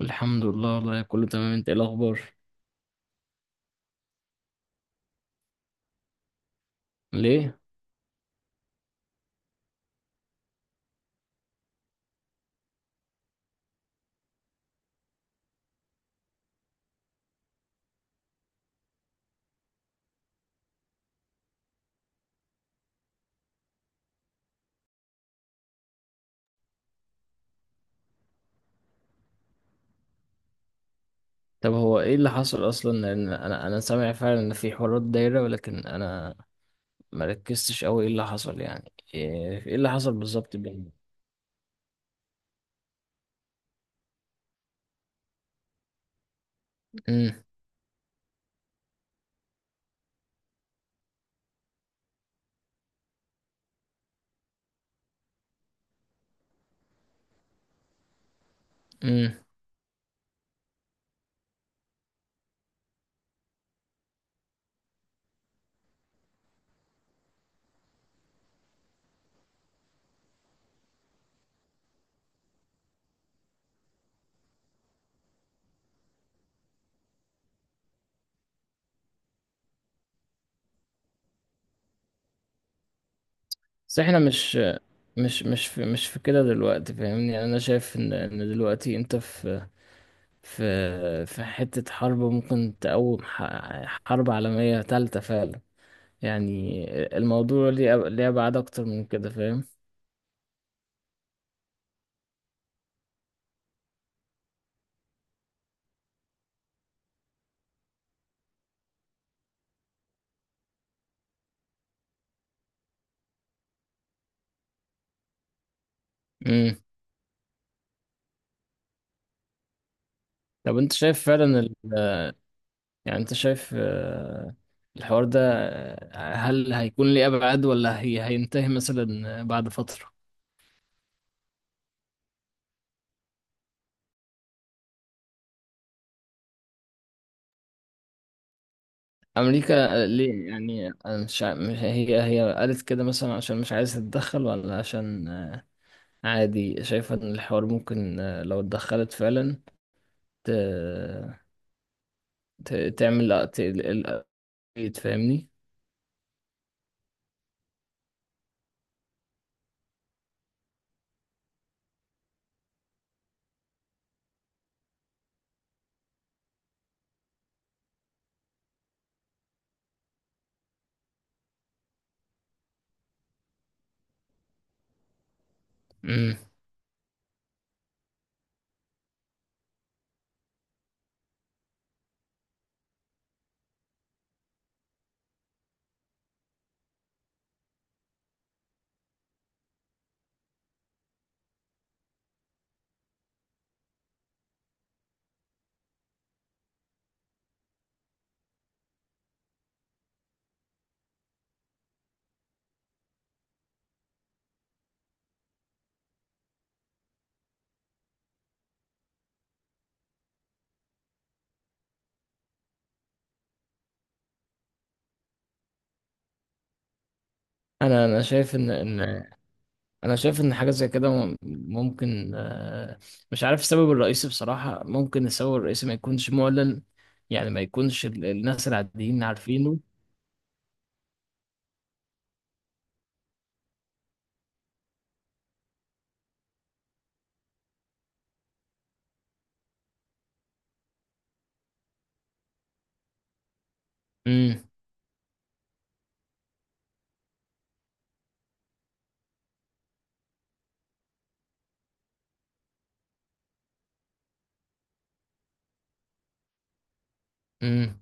الحمد لله، والله كله تمام. انت ايه الاخبار؟ ليه؟ طب هو ايه اللي حصل اصلا، لان انا سامع فعلا ان في حوارات دايره، ولكن انا ما ركزتش قوي. ايه اللي حصل يعني؟ ايه اللي حصل بالظبط بينهم؟ امم امم بس احنا مش في كده دلوقتي، فاهمني؟ يعني انا شايف ان دلوقتي انت في حته حرب ممكن تقوم حرب عالميه ثالثه فعلا، يعني الموضوع ليه ليه ابعاد اكتر من كده، فاهم؟ طب انت شايف فعلا يعني انت شايف الحوار ده هل هيكون ليه ابعاد، ولا هي هينتهي مثلا بعد فترة؟ امريكا ليه يعني؟ أنا مش هي، هي قالت كده مثلا عشان مش عايزة تتدخل، ولا عشان عادي شايفة ان الحوار ممكن لو اتدخلت فعلا ت... تعمل تفهمني؟ مم. انا شايف ان انا شايف ان حاجه زي كده ممكن، مش عارف السبب الرئيسي بصراحه. ممكن السبب الرئيسي ما يكونش معلن، يعني ما يكونش الناس العاديين عارفينه. امم امم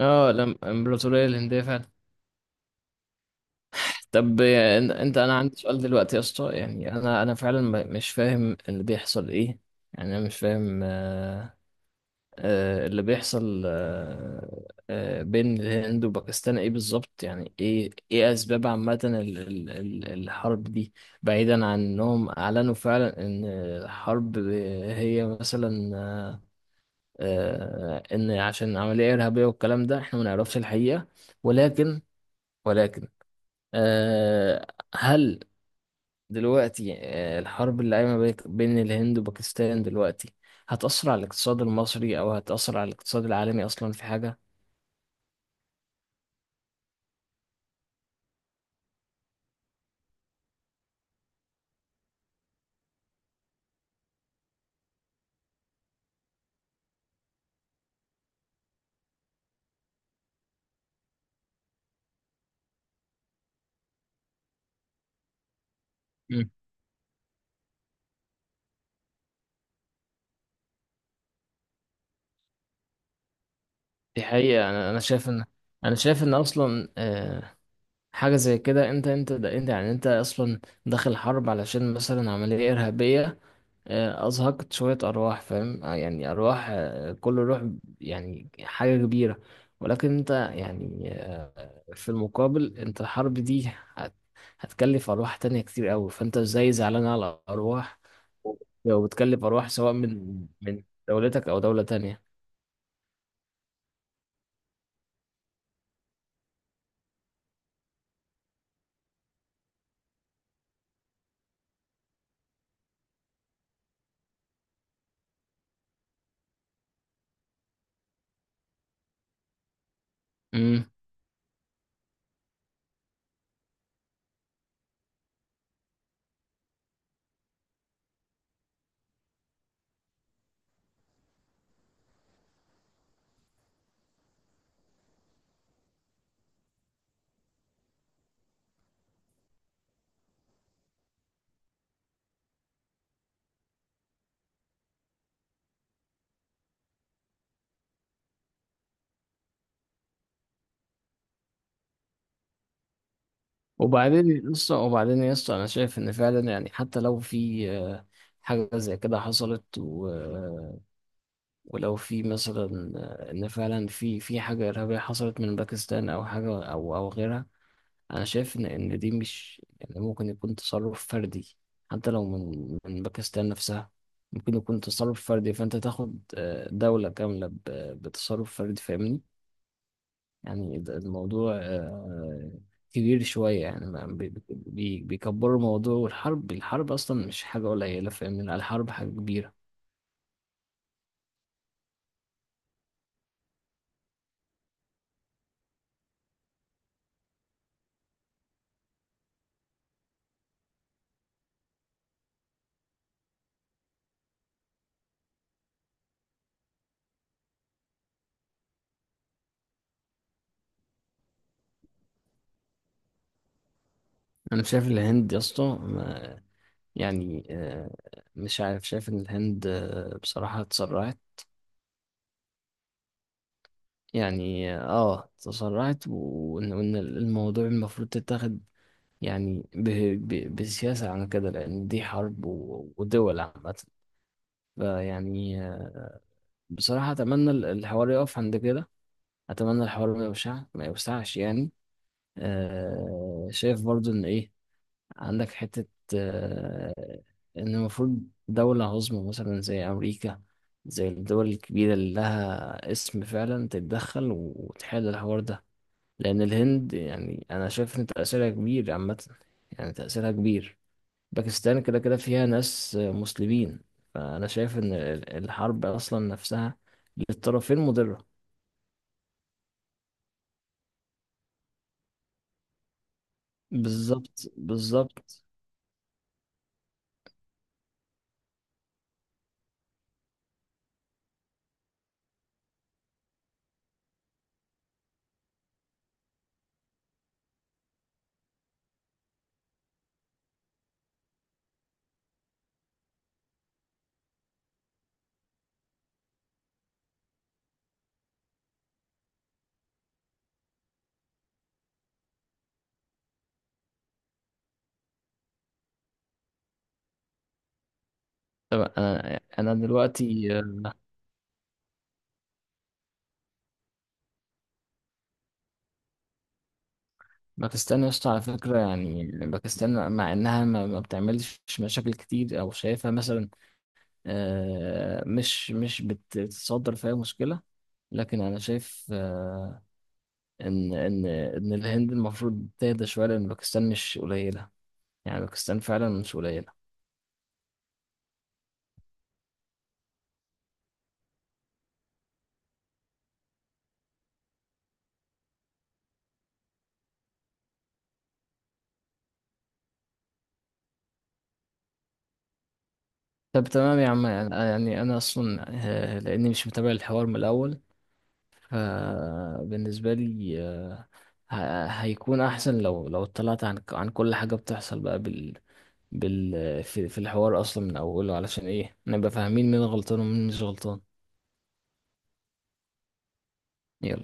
اه الامبراطوريه الهنديه فعلا. طب انت، انا عندي سؤال دلوقتي يا اسطى. يعني انا انا فعلا مش فاهم اللي بيحصل ايه. يعني انا مش فاهم اللي بيحصل بين الهند وباكستان ايه بالظبط. يعني ايه اسباب عامة الحرب دي، بعيدا عن انهم اعلنوا فعلا ان الحرب هي مثلا ان عشان عملية ارهابية والكلام ده. احنا ما نعرفش الحقيقة، ولكن ولكن آه، هل دلوقتي الحرب اللي قايمة بين الهند وباكستان دلوقتي هتأثر على الاقتصاد المصري، أو هتأثر على الاقتصاد العالمي أصلا في حاجة؟ مم. دي حقيقة. أنا شايف إن أنا شايف إن أصلا حاجة زي كده، أنت أنت ده أنت يعني أنت أصلا داخل حرب علشان مثلا عملية إرهابية أزهقت شوية أرواح، فاهم؟ يعني أرواح، كل روح يعني حاجة كبيرة. ولكن أنت يعني في المقابل أنت الحرب دي هت- هتكلف أرواح تانية كتير أوي، فأنت إزاي زعلان على أرواح وبتكلف أرواح سواء من دولتك أو دولة تانية؟ وبعدين لسه، وبعدين يا اسطى انا شايف ان فعلا يعني حتى لو في حاجه زي كده حصلت ولو في مثلا ان فعلا في حاجه ارهابيه حصلت من باكستان، او حاجه او غيرها، انا شايف ان دي مش، يعني ممكن يكون تصرف فردي حتى لو من باكستان نفسها. ممكن يكون تصرف فردي، فانت تاخد دوله كامله بتصرف فردي، فاهمني؟ يعني الموضوع كبير شوية. يعني بيكبروا الموضوع، والحرب، الحرب أصلا مش حاجة قليلة، فاهمني؟ لا، الحرب حاجة كبيرة. أنا شايف الهند يا اسطى يعني مش عارف، شايف إن الهند بصراحة اتسرعت. يعني اه تسرعت، وإن الموضوع المفروض تتاخد يعني بسياسة عن كده، لأن دي حرب ودول عامة. فيعني بصراحة أتمنى الحوار يقف عند كده. اتمنى الحوار ما يوسعش يعني. آه، شايف برضو ان ايه، عندك حتة، آه، ان المفروض دولة عظمى مثلا زي امريكا، زي الدول الكبيرة اللي لها اسم فعلا، تتدخل وتحل الحوار ده. لان الهند يعني انا شايف ان تأثيرها كبير عامة. يعني تأثيرها كبير. باكستان كده كده فيها ناس مسلمين. فانا شايف ان الحرب اصلا نفسها للطرفين مضرة. بالظبط، بالظبط. طب انا دلوقتي باكستان يا اسطى على فكره، يعني باكستان مع انها ما بتعملش مشاكل كتير، او شايفها مثلا مش، بتتصدر فيها مشكله، لكن انا شايف ان ان الهند المفروض تهدى شويه، لان باكستان مش قليله. يعني باكستان فعلا مش قليله. طب تمام يا عم، يعني يعني انا اصلا لاني مش متابع الحوار من الاول، فبالنسبة لي هيكون أحسن لو اطلعت عن كل حاجة بتحصل بقى في الحوار أصلا من أوله، علشان إيه نبقى فاهمين مين غلطان ومين مش غلطان. يلا.